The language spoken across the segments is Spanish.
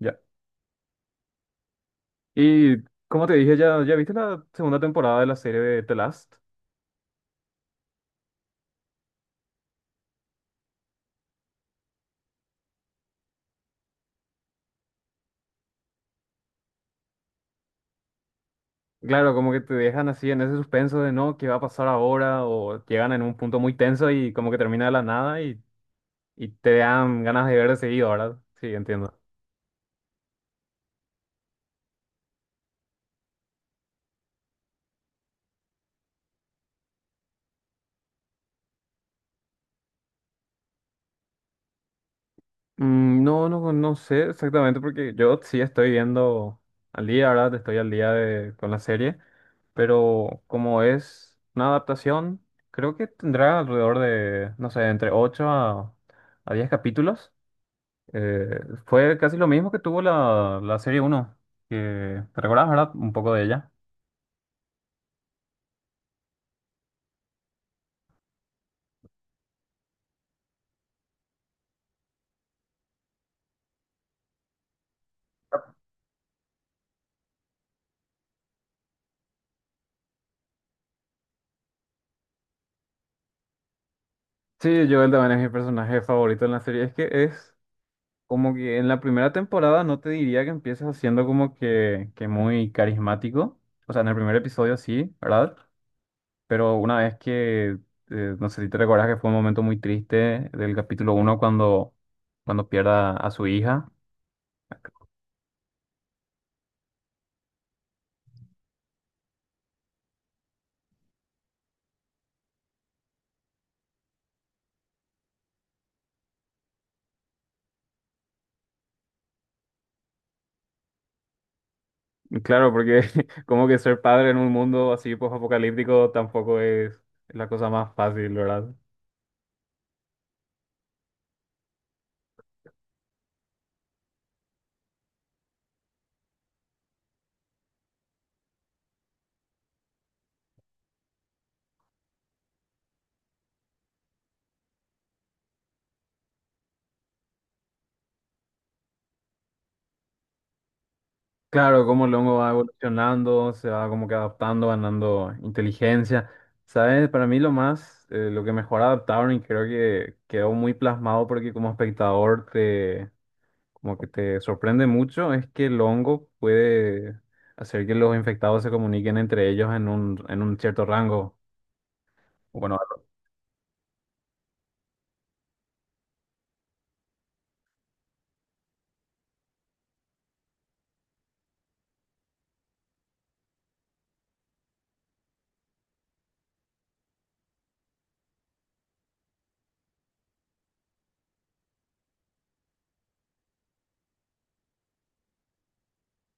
Ya. Y como te dije, ya viste la segunda temporada de la serie de The Last. Claro, como que te dejan así en ese suspenso de no, ¿qué va a pasar ahora? O llegan en un punto muy tenso y como que termina de la nada y te dan ganas de ver de seguido, ¿verdad? Sí, entiendo. Mm, no, no, no sé exactamente porque yo sí estoy viendo al día, ¿verdad? Estoy al día de, con la serie. Pero como es una adaptación, creo que tendrá alrededor de, no sé, entre 8 a 10 capítulos. Eh, Fue casi lo mismo que tuvo la serie uno. Que te recuerdas, ¿verdad? Un poco de ella. Sí, Joel también es mi personaje favorito en la serie. Es que es como que en la primera temporada no te diría que empiezas siendo como que muy carismático. O sea, en el primer episodio sí, ¿verdad? Pero una vez que, no sé si te recuerdas que fue un momento muy triste del capítulo uno cuando pierda a su hija. Claro, porque como que ser padre en un mundo así post-apocalíptico tampoco es la cosa más fácil, ¿verdad? Claro, como el hongo va evolucionando, se va como que adaptando, ganando inteligencia. ¿Sabes? Para mí lo más, lo que mejor adaptaron y creo que quedó muy plasmado porque como espectador como que te sorprende mucho, es que el hongo puede hacer que los infectados se comuniquen entre ellos en un cierto rango. Bueno.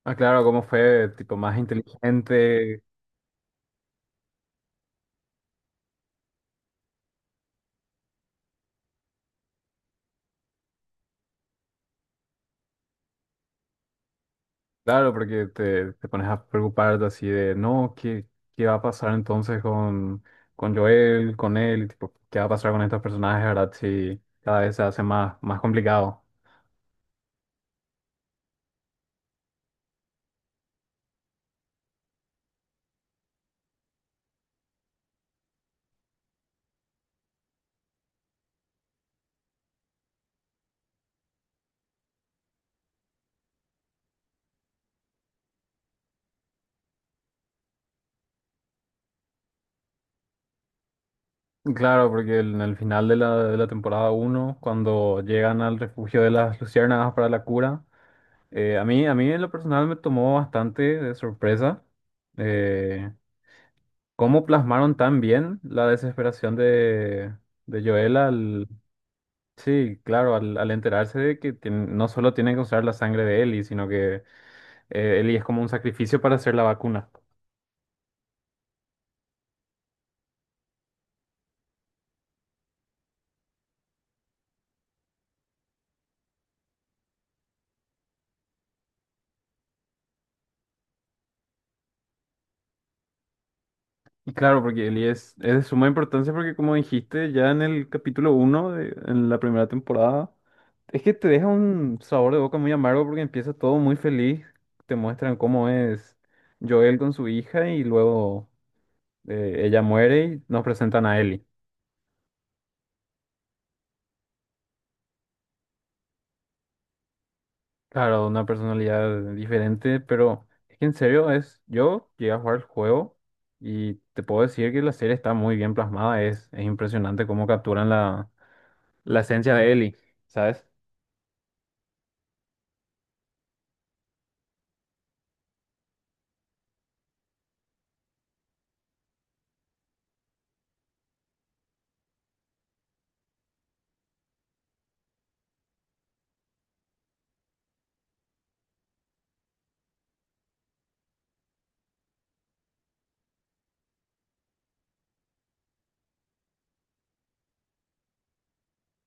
Ah, claro, cómo fue tipo más inteligente. Claro, porque te pones a preocuparte así de, no, ¿qué va a pasar entonces con, Joel, con él? Tipo, ¿qué va a pasar con estos personajes, verdad? Si cada vez se hace más, más complicado. Claro, porque en el final de la temporada uno, cuando llegan al refugio de las luciérnagas para la cura, a mí en lo personal me tomó bastante de sorpresa eh, cómo plasmaron tan bien la desesperación de Joel. Sí, claro, al enterarse de que no solo tienen que usar la sangre de Ellie, sino que Ellie es como un sacrificio para hacer la vacuna. Y claro, porque Ellie es de suma importancia porque como dijiste ya en el capítulo uno de en la primera temporada, es que te deja un sabor de boca muy amargo porque empieza todo muy feliz, te muestran cómo es Joel con su hija y luego ella muere y nos presentan a Ellie. Claro, una personalidad diferente, pero es que en serio es, yo llegué a jugar el juego y te puedo decir que la serie está muy bien plasmada, es impresionante cómo capturan la, la esencia de Ellie, ¿sabes?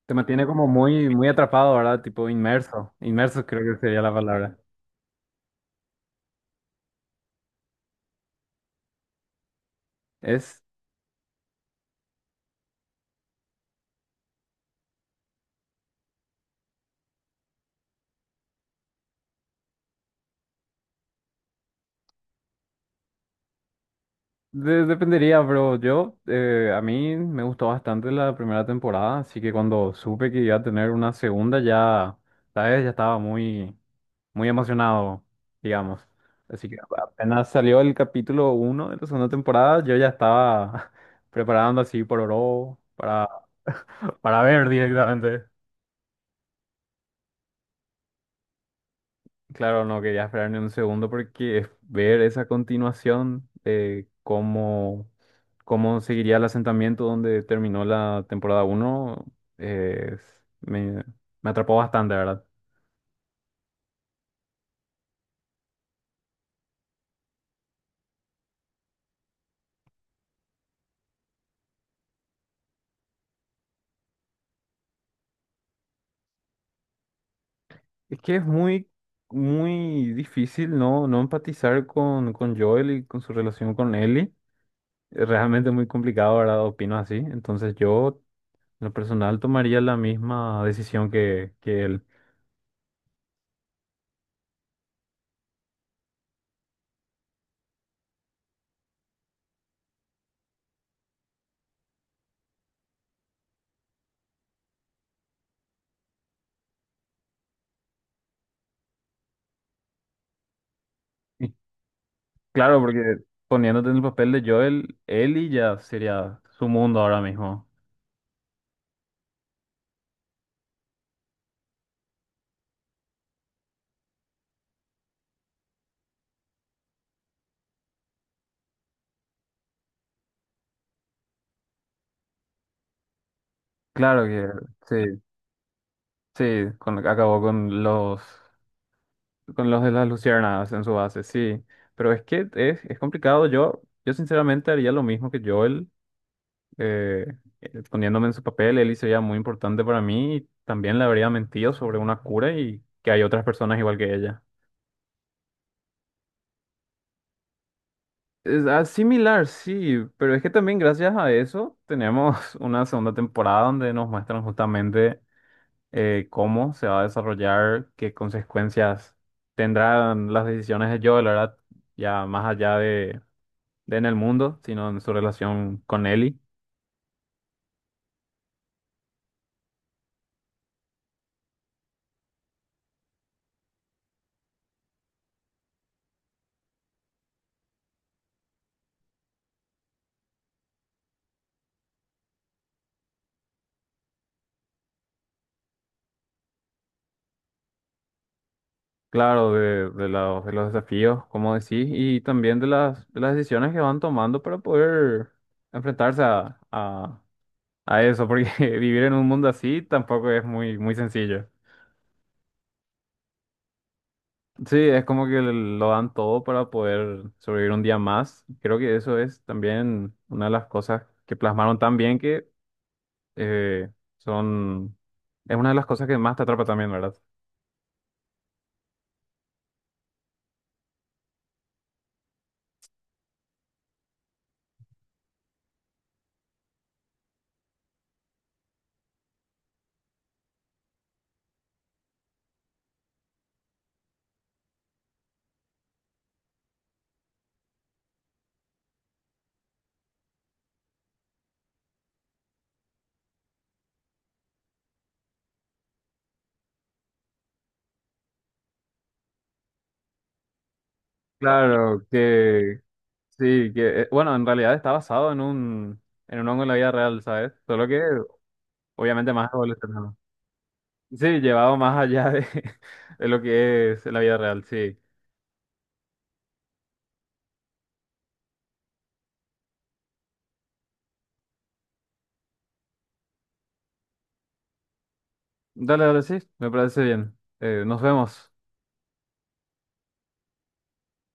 Te mantiene como muy, muy atrapado, ¿verdad? Tipo inmerso, inmerso creo que sería la palabra. Es, de- dependería, pero yo, a mí me gustó bastante la primera temporada, así que cuando supe que iba a tener una segunda ya, ¿sabes? Ya estaba muy... muy emocionado, digamos. Así que apenas salió el capítulo uno de la segunda temporada, yo ya estaba preparando así por oro para ver directamente. Claro, no quería esperar ni un segundo porque ver esa continuación de cómo, cómo seguiría el asentamiento donde terminó la temporada 1 me, me atrapó bastante, ¿verdad? Es que es muy, muy difícil no, no empatizar con Joel y con su relación con Ellie. Es realmente muy complicado, ¿verdad? Opino así. Entonces yo, en lo personal, tomaría la misma decisión que él. Y claro, porque poniéndote en el papel de Joel, Ellie ya sería su mundo ahora mismo. Claro que sí, sí, acabó con los de las luciérnagas en su base, sí. Pero es que es complicado. Yo sinceramente haría lo mismo que Joel, eh, poniéndome en su papel, Eli sería muy importante para mí y también le habría mentido sobre una cura y que hay otras personas igual que ella. Es similar, sí, pero es que también gracias a eso tenemos una segunda temporada donde nos muestran justamente cómo se va a desarrollar, qué consecuencias tendrán las decisiones de Joel, ¿verdad? Ya más allá de en el mundo, sino en su relación con Ellie. Claro, de los desafíos, como decís, y también de las decisiones que van tomando para poder enfrentarse a eso, porque vivir en un mundo así tampoco es muy, muy sencillo. Sí, es como que lo dan todo para poder sobrevivir un día más. Creo que eso es también una de las cosas que plasmaron tan bien que eh, son... es una de las cosas que más te atrapa también, ¿verdad? Claro. Sí, que bueno, en realidad está basado en un, hongo en la vida real, ¿sabes? Solo que obviamente más evolucionado. Sí, llevado más allá de, de lo que es la vida real, sí. Dale, dale, sí, me parece bien. Nos vemos.